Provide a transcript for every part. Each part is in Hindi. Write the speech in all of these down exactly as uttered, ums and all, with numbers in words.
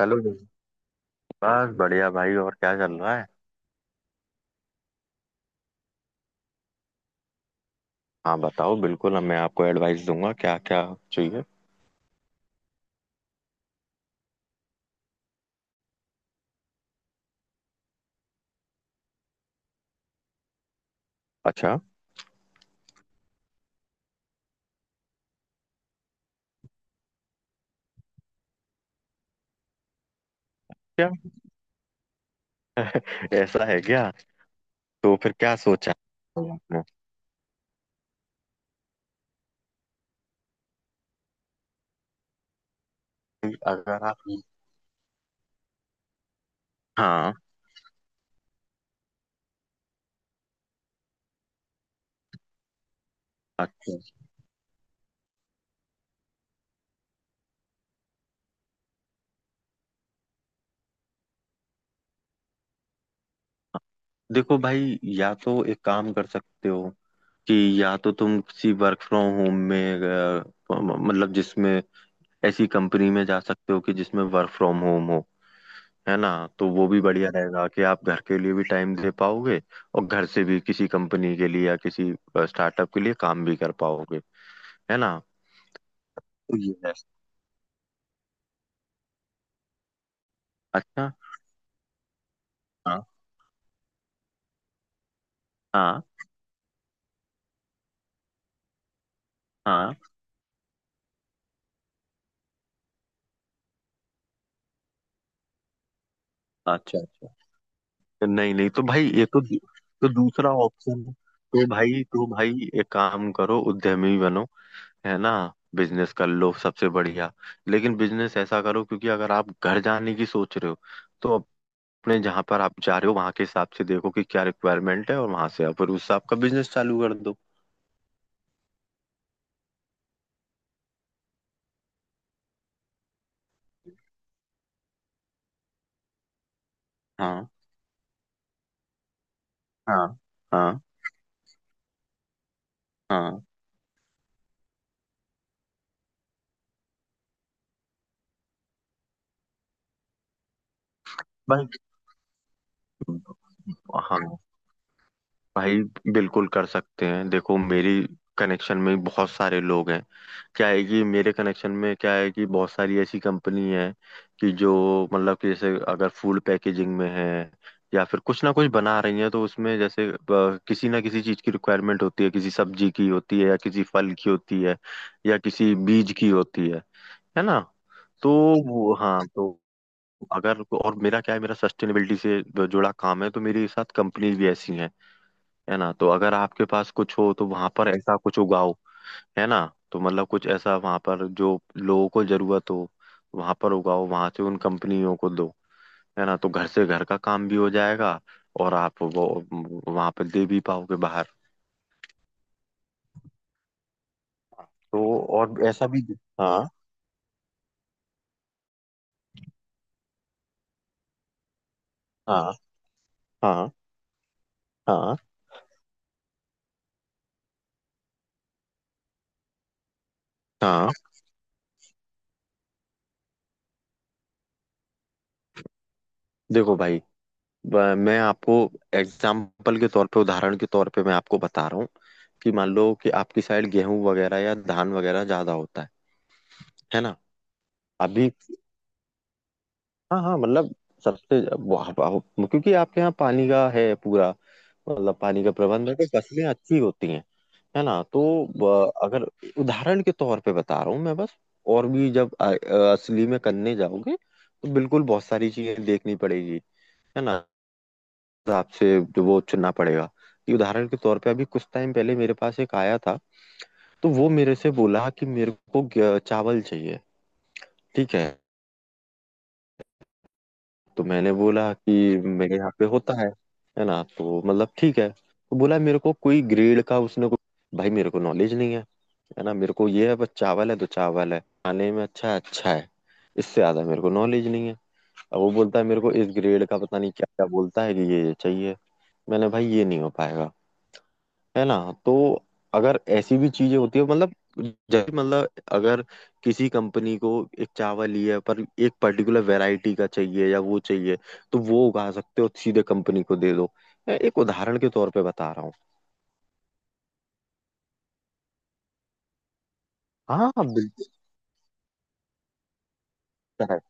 चलो। बस बढ़िया भाई। और क्या चल रहा है? हाँ बताओ, बिल्कुल मैं आपको एडवाइस दूंगा। क्या क्या चाहिए? अच्छा। क्या? ऐसा है क्या? तो फिर क्या सोचा है आपने? कि अगर आप। हाँ। अच्छा। देखो भाई, या तो एक काम कर सकते हो कि या तो तुम किसी वर्क फ्रॉम होम में, अ, मतलब जिसमें ऐसी कंपनी में जा सकते हो कि जिसमें वर्क फ्रॉम होम हो। है ना? तो वो भी बढ़िया रहेगा कि आप घर के लिए भी टाइम दे पाओगे, और घर से भी किसी कंपनी के लिए या किसी स्टार्टअप के लिए काम भी कर पाओगे। है ना? तो ये है। अच्छा। हाँ, हाँ, हाँ। अच्छा, अच्छा। तो नहीं, नहीं, तो भाई ये तो तो दूसरा ऑप्शन है। तो भाई तो भाई एक काम करो, उद्यमी बनो। है ना? बिजनेस कर लो, सबसे बढ़िया। लेकिन बिजनेस ऐसा करो क्योंकि अगर आप घर जाने की सोच रहे हो, तो अपने जहाँ पर आप जा रहे हो वहाँ के हिसाब से देखो कि क्या रिक्वायरमेंट है, और वहां से आप फिर उस हिसाब का बिजनेस चालू कर दो। हाँ, हाँ, हाँ, हाँ भाई, हाँ भाई, बिल्कुल कर सकते हैं। देखो, मेरी कनेक्शन में बहुत सारे लोग हैं। क्या है कि मेरे कनेक्शन में क्या है कि बहुत सारी ऐसी कंपनी है कि जो, मतलब कि जैसे अगर फूड पैकेजिंग में है या फिर कुछ ना कुछ बना रही है, तो उसमें जैसे अ, किसी ना किसी चीज़ की रिक्वायरमेंट होती है, किसी सब्जी की होती है, या किसी फल की होती है, या किसी बीज की होती है। है ना? तो वो, हाँ, तो अगर और मेरा क्या है, मेरा सस्टेनेबिलिटी से जुड़ा काम है, तो मेरे साथ कंपनीज भी ऐसी हैं। है ना? तो अगर आपके पास कुछ हो, तो वहां पर ऐसा कुछ उगाओ। है ना? तो मतलब कुछ ऐसा वहां पर जो लोगों को जरूरत हो, वहां पर उगाओ, वहां से उन कंपनियों को दो। है ना? तो घर से घर का काम भी हो जाएगा, और आप वो वहां पर दे भी पाओगे बाहर। तो और ऐसा भी। हाँ, हाँ, हाँ, हाँ, हाँ। देखो भाई, ब- मैं आपको एग्जाम्पल के तौर पे, उदाहरण के तौर पे मैं आपको बता रहा हूँ कि मान लो कि आपकी साइड गेहूं वगैरह या धान वगैरह ज्यादा होता है। है ना? अभी। हाँ, हाँ, मतलब सबसे, वाह, वाह, क्योंकि आपके यहाँ पानी का है पूरा, मतलब पानी का प्रबंध है तो फसलें अच्छी होती हैं। है ना? तो ब- अगर, उदाहरण के तौर पे बता रहा हूँ मैं बस, और भी जब अ- अ- असली में करने जाओगे तो बिल्कुल बहुत सारी चीजें देखनी पड़ेगी। है ना? आपसे जो वो चुनना पड़ेगा कि उदाहरण के तौर पे अभी कुछ टाइम पहले मेरे पास एक आया था, तो वो मेरे से बोला कि मेरे को ग- चावल चाहिए। ठीक है? तो मैंने बोला कि मेरे यहाँ पे होता है। है ना? तो मतलब ठीक है, तो बोला मेरे को कोई ग्रेड का, उसने को, भाई मेरे को नॉलेज नहीं है। है ना? मेरे को ये है बस, चावल है तो चावल है, खाने में अच्छा है, अच्छा है, इससे ज्यादा मेरे को नॉलेज नहीं है। अब वो बोलता है मेरे को इस ग्रेड का पता नहीं क्या क्या बोलता है कि ये ये चाहिए। मैंने, भाई ये नहीं हो पाएगा। है ना? तो अगर ऐसी भी चीजें होती है, मतलब जब, मतलब अगर किसी कंपनी को एक चावल ही है पर एक पर्टिकुलर वैरायटी का चाहिए या वो चाहिए, तो वो उगा सकते हो, सीधे कंपनी को दे दो। मैं एक उदाहरण के तौर पे बता रहा हूँ। हाँ, हाँ, बिल्कुल करेक्ट।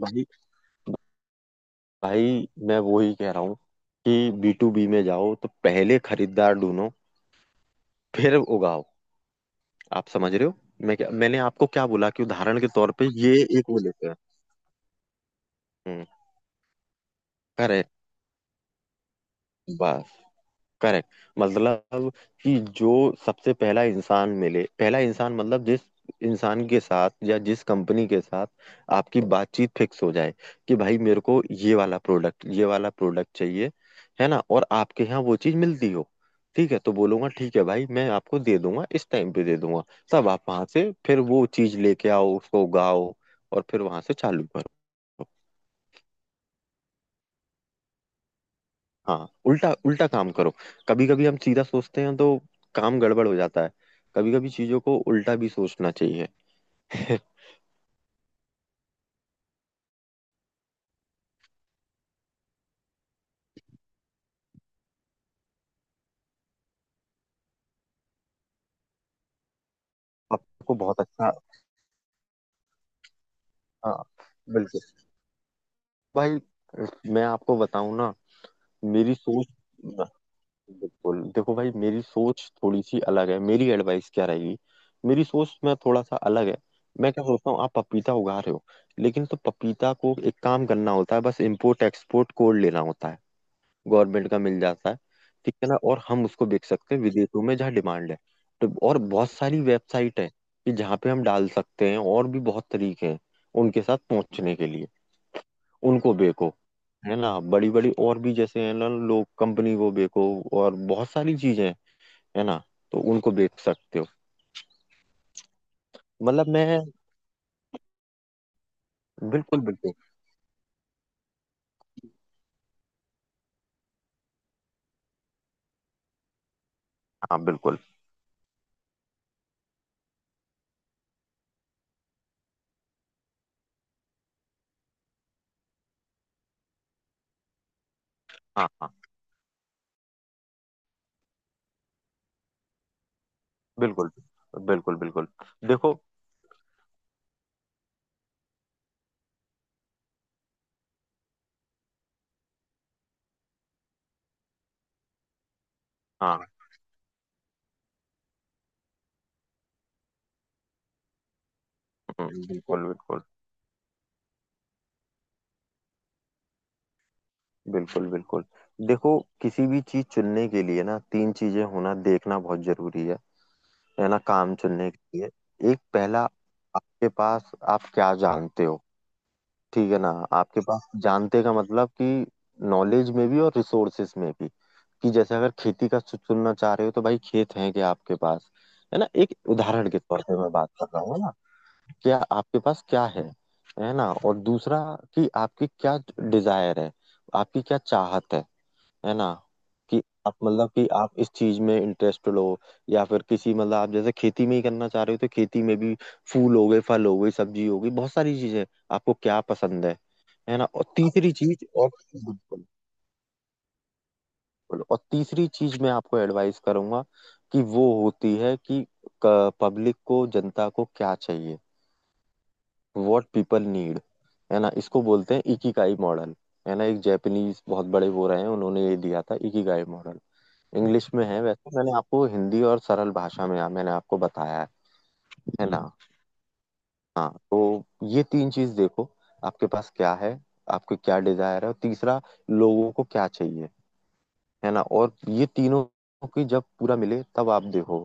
भाई, भाई मैं वो ही कह रहा हूँ कि बी टू बी में जाओ तो पहले खरीदार ढूंढो, फिर उगाओ। आप समझ रहे हो मैं क्या, मैंने आपको क्या बोला कि उदाहरण के तौर पे ये एक वो लेते हैं। हम्म। Correct, correct. मतलब कि जो सबसे पहला इंसान मिले, पहला इंसान मतलब जिस इंसान के साथ या जिस कंपनी के साथ आपकी बातचीत फिक्स हो जाए कि भाई मेरे को ये वाला प्रोडक्ट, ये वाला प्रोडक्ट चाहिए। है ना? और आपके यहाँ वो चीज़ मिलती हो, ठीक है, तो बोलूंगा ठीक है भाई, मैं आपको दे दूंगा, इस टाइम पे दे दूंगा। तब आप वहां से फिर वो चीज़ लेके आओ, उसको उगाओ, और फिर वहां से चालू करो। हाँ, उल्टा उल्टा काम करो। कभी कभी हम सीधा सोचते हैं तो काम गड़बड़ हो जाता है। कभी कभी चीजों को उल्टा भी सोचना चाहिए। आपको बहुत अच्छा। हाँ, बिल्कुल। भाई, मैं आपको बताऊं ना, मेरी सोच, बिल्कुल देखो भाई, मेरी सोच थोड़ी सी अलग है, मेरी एडवाइस क्या रहेगी। मेरी सोच में थोड़ा सा अलग है। मैं क्या सोचता हूँ, आप पपीता उगा रहे हो, लेकिन तो पपीता को एक काम करना होता है, बस इम्पोर्ट एक्सपोर्ट कोड लेना होता है, गवर्नमेंट का मिल जाता है। ठीक है ना? और हम उसको बेच सकते हैं विदेशों में जहाँ डिमांड है। तो और बहुत सारी वेबसाइट है कि जहाँ पे हम डाल सकते हैं, और भी बहुत तरीके हैं उनके साथ पहुंचने के लिए। उनको बेको। है ना? बड़ी बड़ी और भी जैसे, है ना, लोग कंपनी को बेको, और बहुत सारी चीजें हैं। है ना? तो उनको बेच सकते हो। मतलब मैं, बिल्कुल, बिल्कुल। हाँ, बिल्कुल। हाँ, हाँ, बिल्कुल, बिल्कुल, बिल्कुल, देखो। हाँ, हम्म, बिल्कुल, बिल्कुल, बिल्कुल, बिल्कुल, देखो, किसी भी चीज चुनने के लिए ना तीन चीजें होना देखना बहुत जरूरी है। है ना? काम चुनने के लिए। एक पहला, आपके पास आप क्या जानते हो। ठीक है ना? आपके पास जानते का मतलब कि नॉलेज में भी और रिसोर्सेस में भी। कि जैसे अगर खेती का चु- चुनना चाह रहे हो तो भाई, खेत हैं क्या आपके पास? है ना? एक उदाहरण के तौर पे मैं बात कर रहा हूँ। है ना? क्या आपके पास क्या है। है ना? और दूसरा, कि आपकी क्या डिजायर है, आपकी क्या चाहत है। है ना? कि आप मतलब कि आप इस चीज में इंटरेस्टेड हो, या फिर किसी, मतलब आप जैसे खेती में ही करना चाह रहे हो, तो खेती में भी फूल हो गए, फल हो गई, सब्जी हो गई, बहुत सारी चीजें, आपको क्या पसंद है। है ना? और तीसरी चीज, और बिल्कुल, बिल्कुल। और तीसरी चीज मैं आपको एडवाइस करूंगा, कि वो होती है कि पब्लिक को, जनता को क्या चाहिए। What people need. है ना? इसको बोलते हैं इकिगाई मॉडल। है ना? एक जापानीज बहुत बड़े वो रहे हैं, उन्होंने ये दिया था, इकिगाई मॉडल। इंग्लिश में है वैसे, मैंने आपको हिंदी और सरल भाषा में मैंने आपको बताया है। है ना? हाँ, तो ये तीन चीज देखो। आपके पास क्या है, आपके क्या डिजायर है, और तीसरा लोगों को क्या चाहिए। है ना? और ये तीनों की जब पूरा मिले तब आप देखो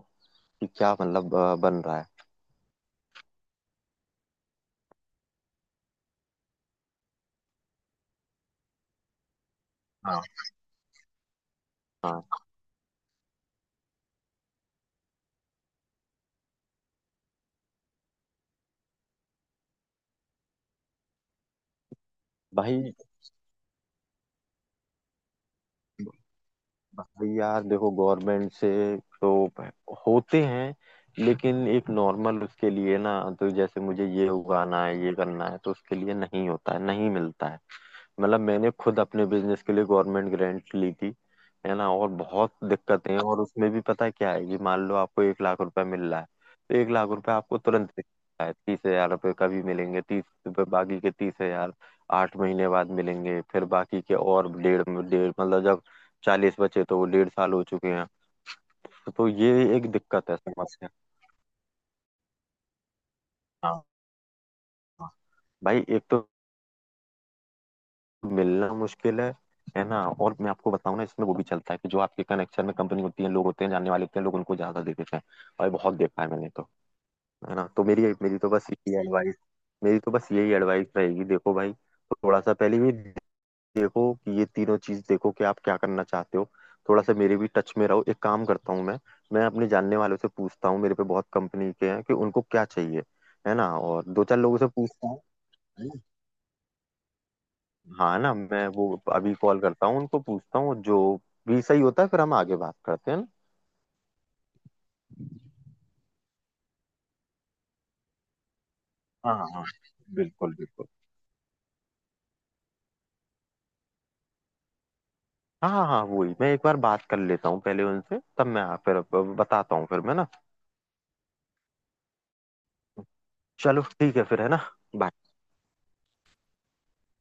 कि क्या मतलब अ, बन रहा है। हाँ, हाँ भाई। भाई यार, देखो, गवर्नमेंट से तो होते हैं, लेकिन एक नॉर्मल उसके लिए ना, तो जैसे मुझे ये उगाना है, ये करना है, तो उसके लिए नहीं होता है, नहीं मिलता है। मतलब मैंने खुद अपने बिजनेस के लिए गवर्नमेंट ग्रांट ली थी। है ना? और बहुत दिक्कतें हैं, और उसमें भी पता है क्या है कि मान लो आपको एक लाख रुपए मिल रहा है, तो एक लाख रुपए आपको तुरंत मिलता है, तीस हजार रुपये कभी मिलेंगे, तीस रुपये बाकी के तीस हजार आठ महीने बाद मिलेंगे, फिर बाकी के और डेढ़ डेढ़ मतलब जब चालीस बचे तो वो डेढ़ साल हो चुके हैं। तो, तो ये एक दिक्कत है, समस्या। हाँ, हाँ, भाई एक तो मिलना मुश्किल है। है ना? और मैं आपको बताऊं ना, इसमें वो भी चलता है कि जो आपके कनेक्शन में कंपनी होती है, लोग होते हैं, जानने वाले होते हैं, लोग उनको ज्यादा दे देते हैं। और ये बहुत देखा है मैंने तो। है ना? तो मेरी मेरी तो बस यही एडवाइस, मेरी तो बस यही एडवाइस रहेगी। देखो भाई, थोड़ा सा पहले भी देखो कि ये तीनों चीज देखो कि आप क्या करना चाहते हो। थोड़ा सा मेरे भी टच में रहो, एक काम करता हूँ मैं मैं अपने जानने वालों से पूछता हूँ, मेरे पे बहुत कंपनी के हैं, कि उनको क्या चाहिए। है ना? और दो चार लोगों से पूछता हूँ। है ना? हाँ ना, मैं वो अभी कॉल करता हूँ उनको, पूछता हूँ, जो भी सही होता है फिर हम आगे बात करते हैं ना। हाँ, हाँ, हाँ, बिल्कुल, बिल्कुल। हाँ, हाँ, हाँ, वही मैं एक बार बात कर लेता हूँ पहले उनसे, तब मैं फिर बताता हूँ फिर मैं ना। चलो ठीक है फिर, है ना? bye।